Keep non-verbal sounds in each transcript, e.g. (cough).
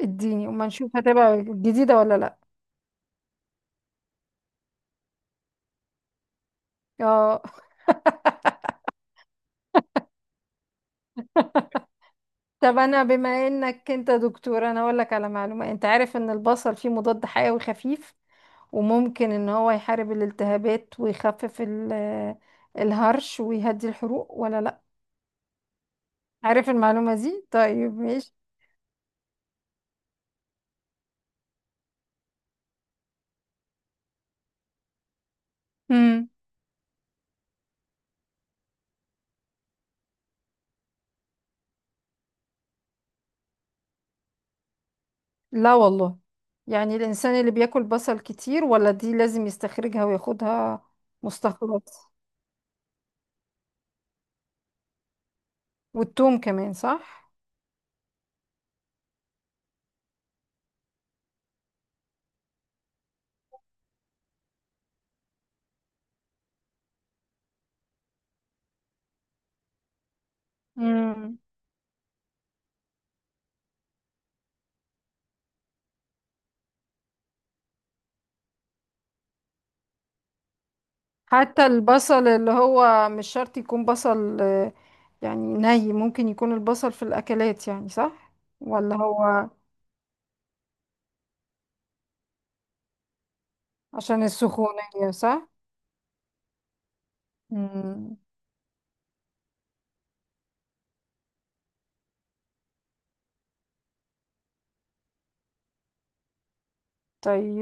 اديني وما نشوف هتبقى جديدة ولا لا. اه، طب انا بما انك انت دكتور انا اقول لك على معلومة. انت عارف ان البصل فيه مضاد حيوي خفيف وممكن ان هو يحارب الالتهابات ويخفف الهرش ويهدي الحروق ولا لا؟ عارف المعلومة دي؟ طيب ماشي. مم. لا والله. يعني الانسان اللي بياكل بصل كتير ولا دي لازم يستخرجها وياخدها مستخلص؟ والثوم كمان صح؟ مم. حتى البصل اللي هو مش شرط يكون بصل يعني ممكن يكون البصل في الأكلات يعني صح؟ ولا هو عشان السخونية صح؟ مم. طيب.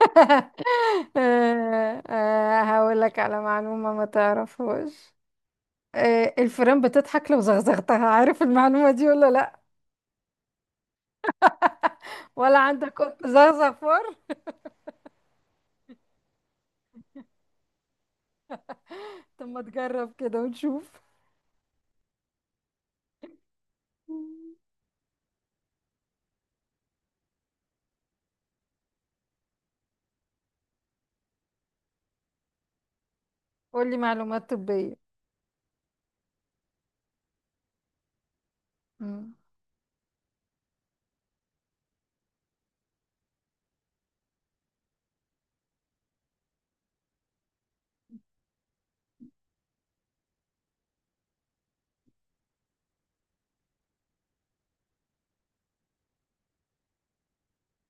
(laughs) هقول لك على معلومة ما تعرفهاش. الفيران بتضحك لو زغزغتها. عارف المعلومة دي ولا لا؟ ولا عندك قط زغزغ فار؟ طب ما تجرب كده ونشوف. قولي معلومات طبية. مم.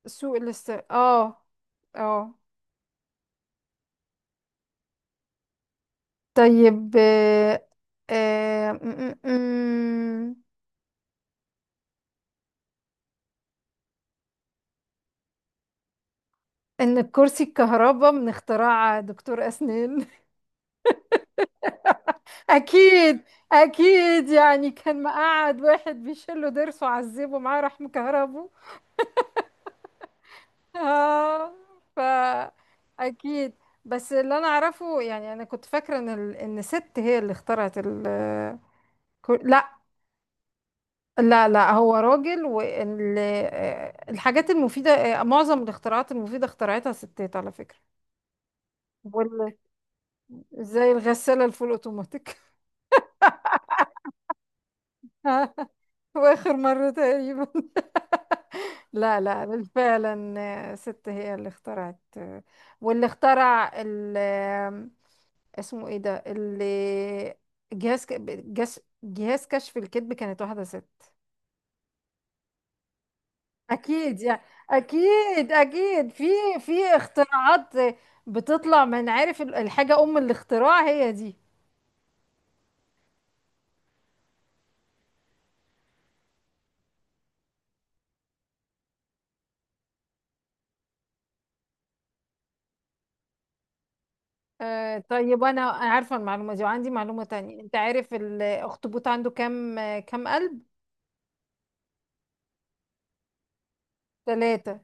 سوق الاست اه اه طيب آه آه م- م- م. ان كرسي الكهرباء من اختراع دكتور اسنان. (laughs) اكيد. اكيد، يعني كان مقعد واحد بيشيله ضرسه وعذبه معاه راح مكهربه. (laughs) اه. ف اكيد. بس اللي انا اعرفه، يعني انا كنت فاكره ان ان ست هي اللي اخترعت لا. لا لا، هو راجل. والحاجات المفيدة معظم الاختراعات المفيدة اخترعتها ستات على فكرة. وال... زي الغسالة الفول اوتوماتيك. (laughs) واخر مرة تقريبا. لا لا فعلا. ست هي اللي اخترعت واللي اخترع ال... آه، اسمه ايه ده اللي جهاز ك- جهاز كشف الكذب كانت واحدة ست. اكيد يعني. اكيد اكيد. في اختراعات بتطلع من عارف الحاجه ام الاختراع هي دي. آه طيب انا عارفه المعلومه دي. وعندي معلومه تانية. انت عارف الاخطبوط عنده كام كام قلب؟ ثلاثه.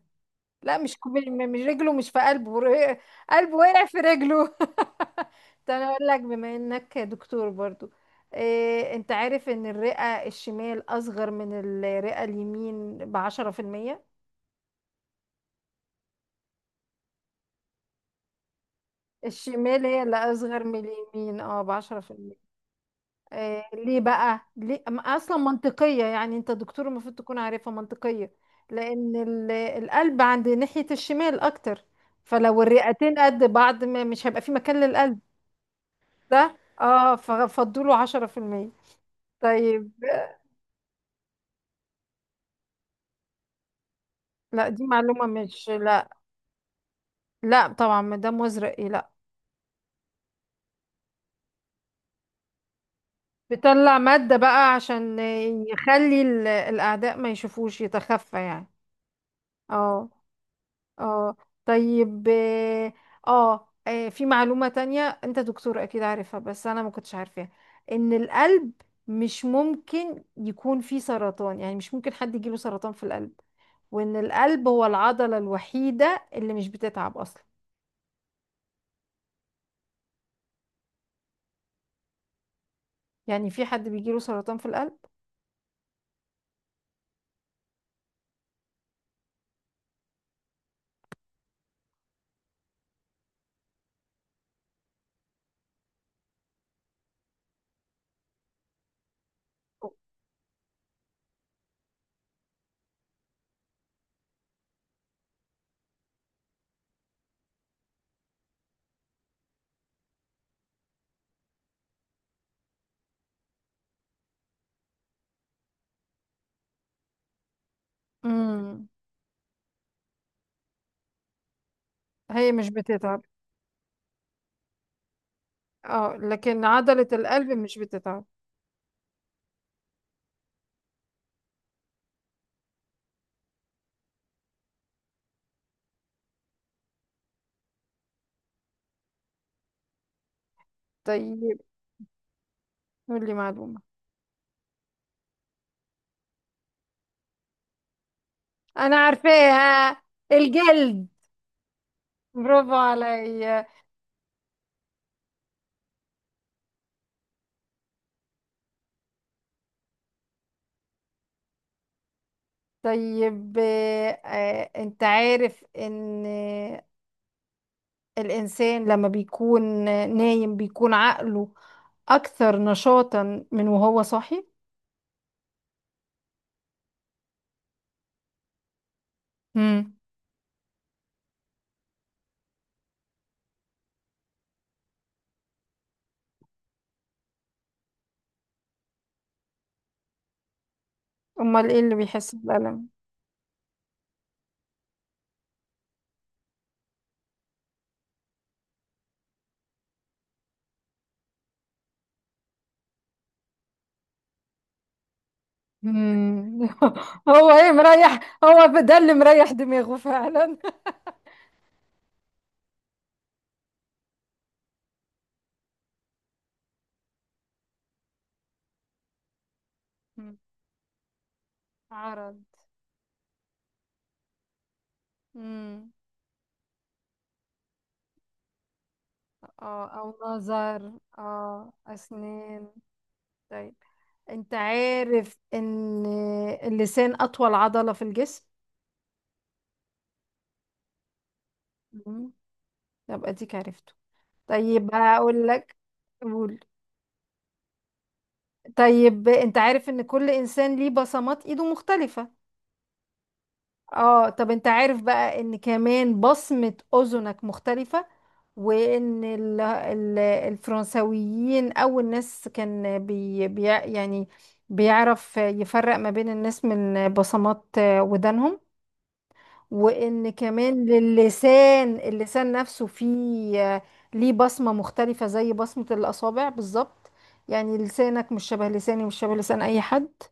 لا مش كوب- م- مش رجله، مش في قلبه قلبه وقع في رجله. (laughs) ده انا اقول لك بما انك دكتور برضو. انت عارف ان الرئه الشمال اصغر من الرئه اليمين ب10%؟ الشمال هي اللي اصغر من اليمين، اه، ب10%. آه ليه بقى؟ ليه اصلا منطقية، يعني انت دكتور المفروض تكون عارفها منطقية. لان القلب عند ناحية الشمال اكتر، فلو الرئتين قد بعض ما مش هيبقى في مكان للقلب. ده اه ففضلوا 10%. طيب. لا دي معلومة مش، لا. لا طبعا، ما ده مزرق ايه؟ لا. بيطلع مادة بقى عشان يخلي الأعداء ما يشوفوش، يتخفى يعني. اه. اه طيب. اه. في معلومة تانية انت دكتور اكيد عارفها بس انا ما كنتش عارفاها. ان القلب مش ممكن يكون فيه سرطان، يعني مش ممكن حد يجيله سرطان في القلب. وان القلب هو العضلة الوحيدة اللي مش بتتعب اصلا. يعني في حد بيجيله سرطان في القلب؟ امم. هي مش بتتعب. اه، لكن عضلة القلب مش بتتعب. طيب. قول لي معلومة. انا عارفاها. الجلد. برافو عليا. طيب انت عارف ان الانسان لما بيكون نايم بيكون عقله اكثر نشاطا من وهو صاحي؟ امم. امال ايه اللي بيحس بالألم؟ مم. (laughs) هو ايه مريح، هو ده اللي مريح دماغه فعلا. (laughs) مم. عرض. مم. اه او نظر. اه اسنان. طيب. انت عارف ان اللسان اطول عضلة في الجسم؟ يبقى ديك عرفته. طيب هقول لك. قول. طيب انت عارف ان كل انسان ليه بصمات ايده مختلفة؟ اه. طب انت عارف بقى ان كمان بصمة اذنك مختلفة؟ وان الفرنساويين اول ناس كان يعني بيعرف يفرق ما بين الناس من بصمات ودانهم. وان كمان للسان، اللسان نفسه فيه ليه بصمة مختلفة زي بصمة الأصابع بالظبط. يعني لسانك مش شبه لساني، مش شبه لسان أي حد.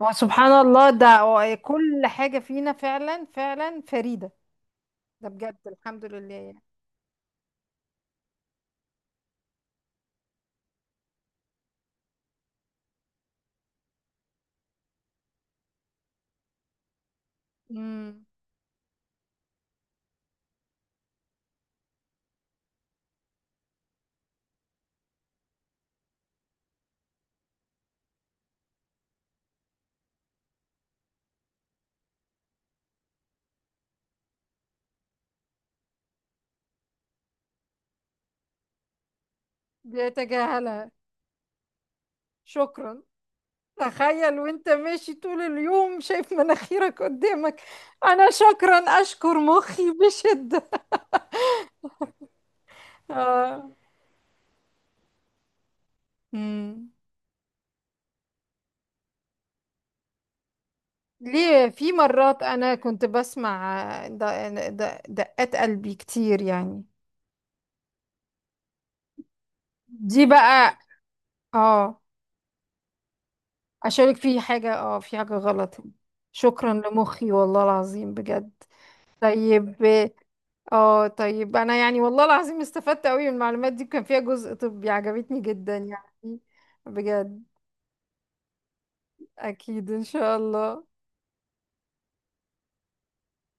وسبحان الله، ده كل حاجة فينا فعلا فعلا فريدة. ده بجد الحمد لله يعني. امم. بيتجاهلها. شكرا. تخيل وانت ماشي طول اليوم شايف مناخيرك قدامك. انا شكرا، اشكر مخي بشدة. اه. امم. ليه في مرات انا كنت بسمع دقات قلبي كتير يعني. دي بقى. اه، اشارك في حاجة، اه في حاجة غلط. شكرا لمخي والله العظيم بجد. طيب. اه، طيب انا يعني والله العظيم استفدت قوي من المعلومات دي، كان فيها جزء طبي عجبتني جدا يعني. بجد. اكيد ان شاء الله.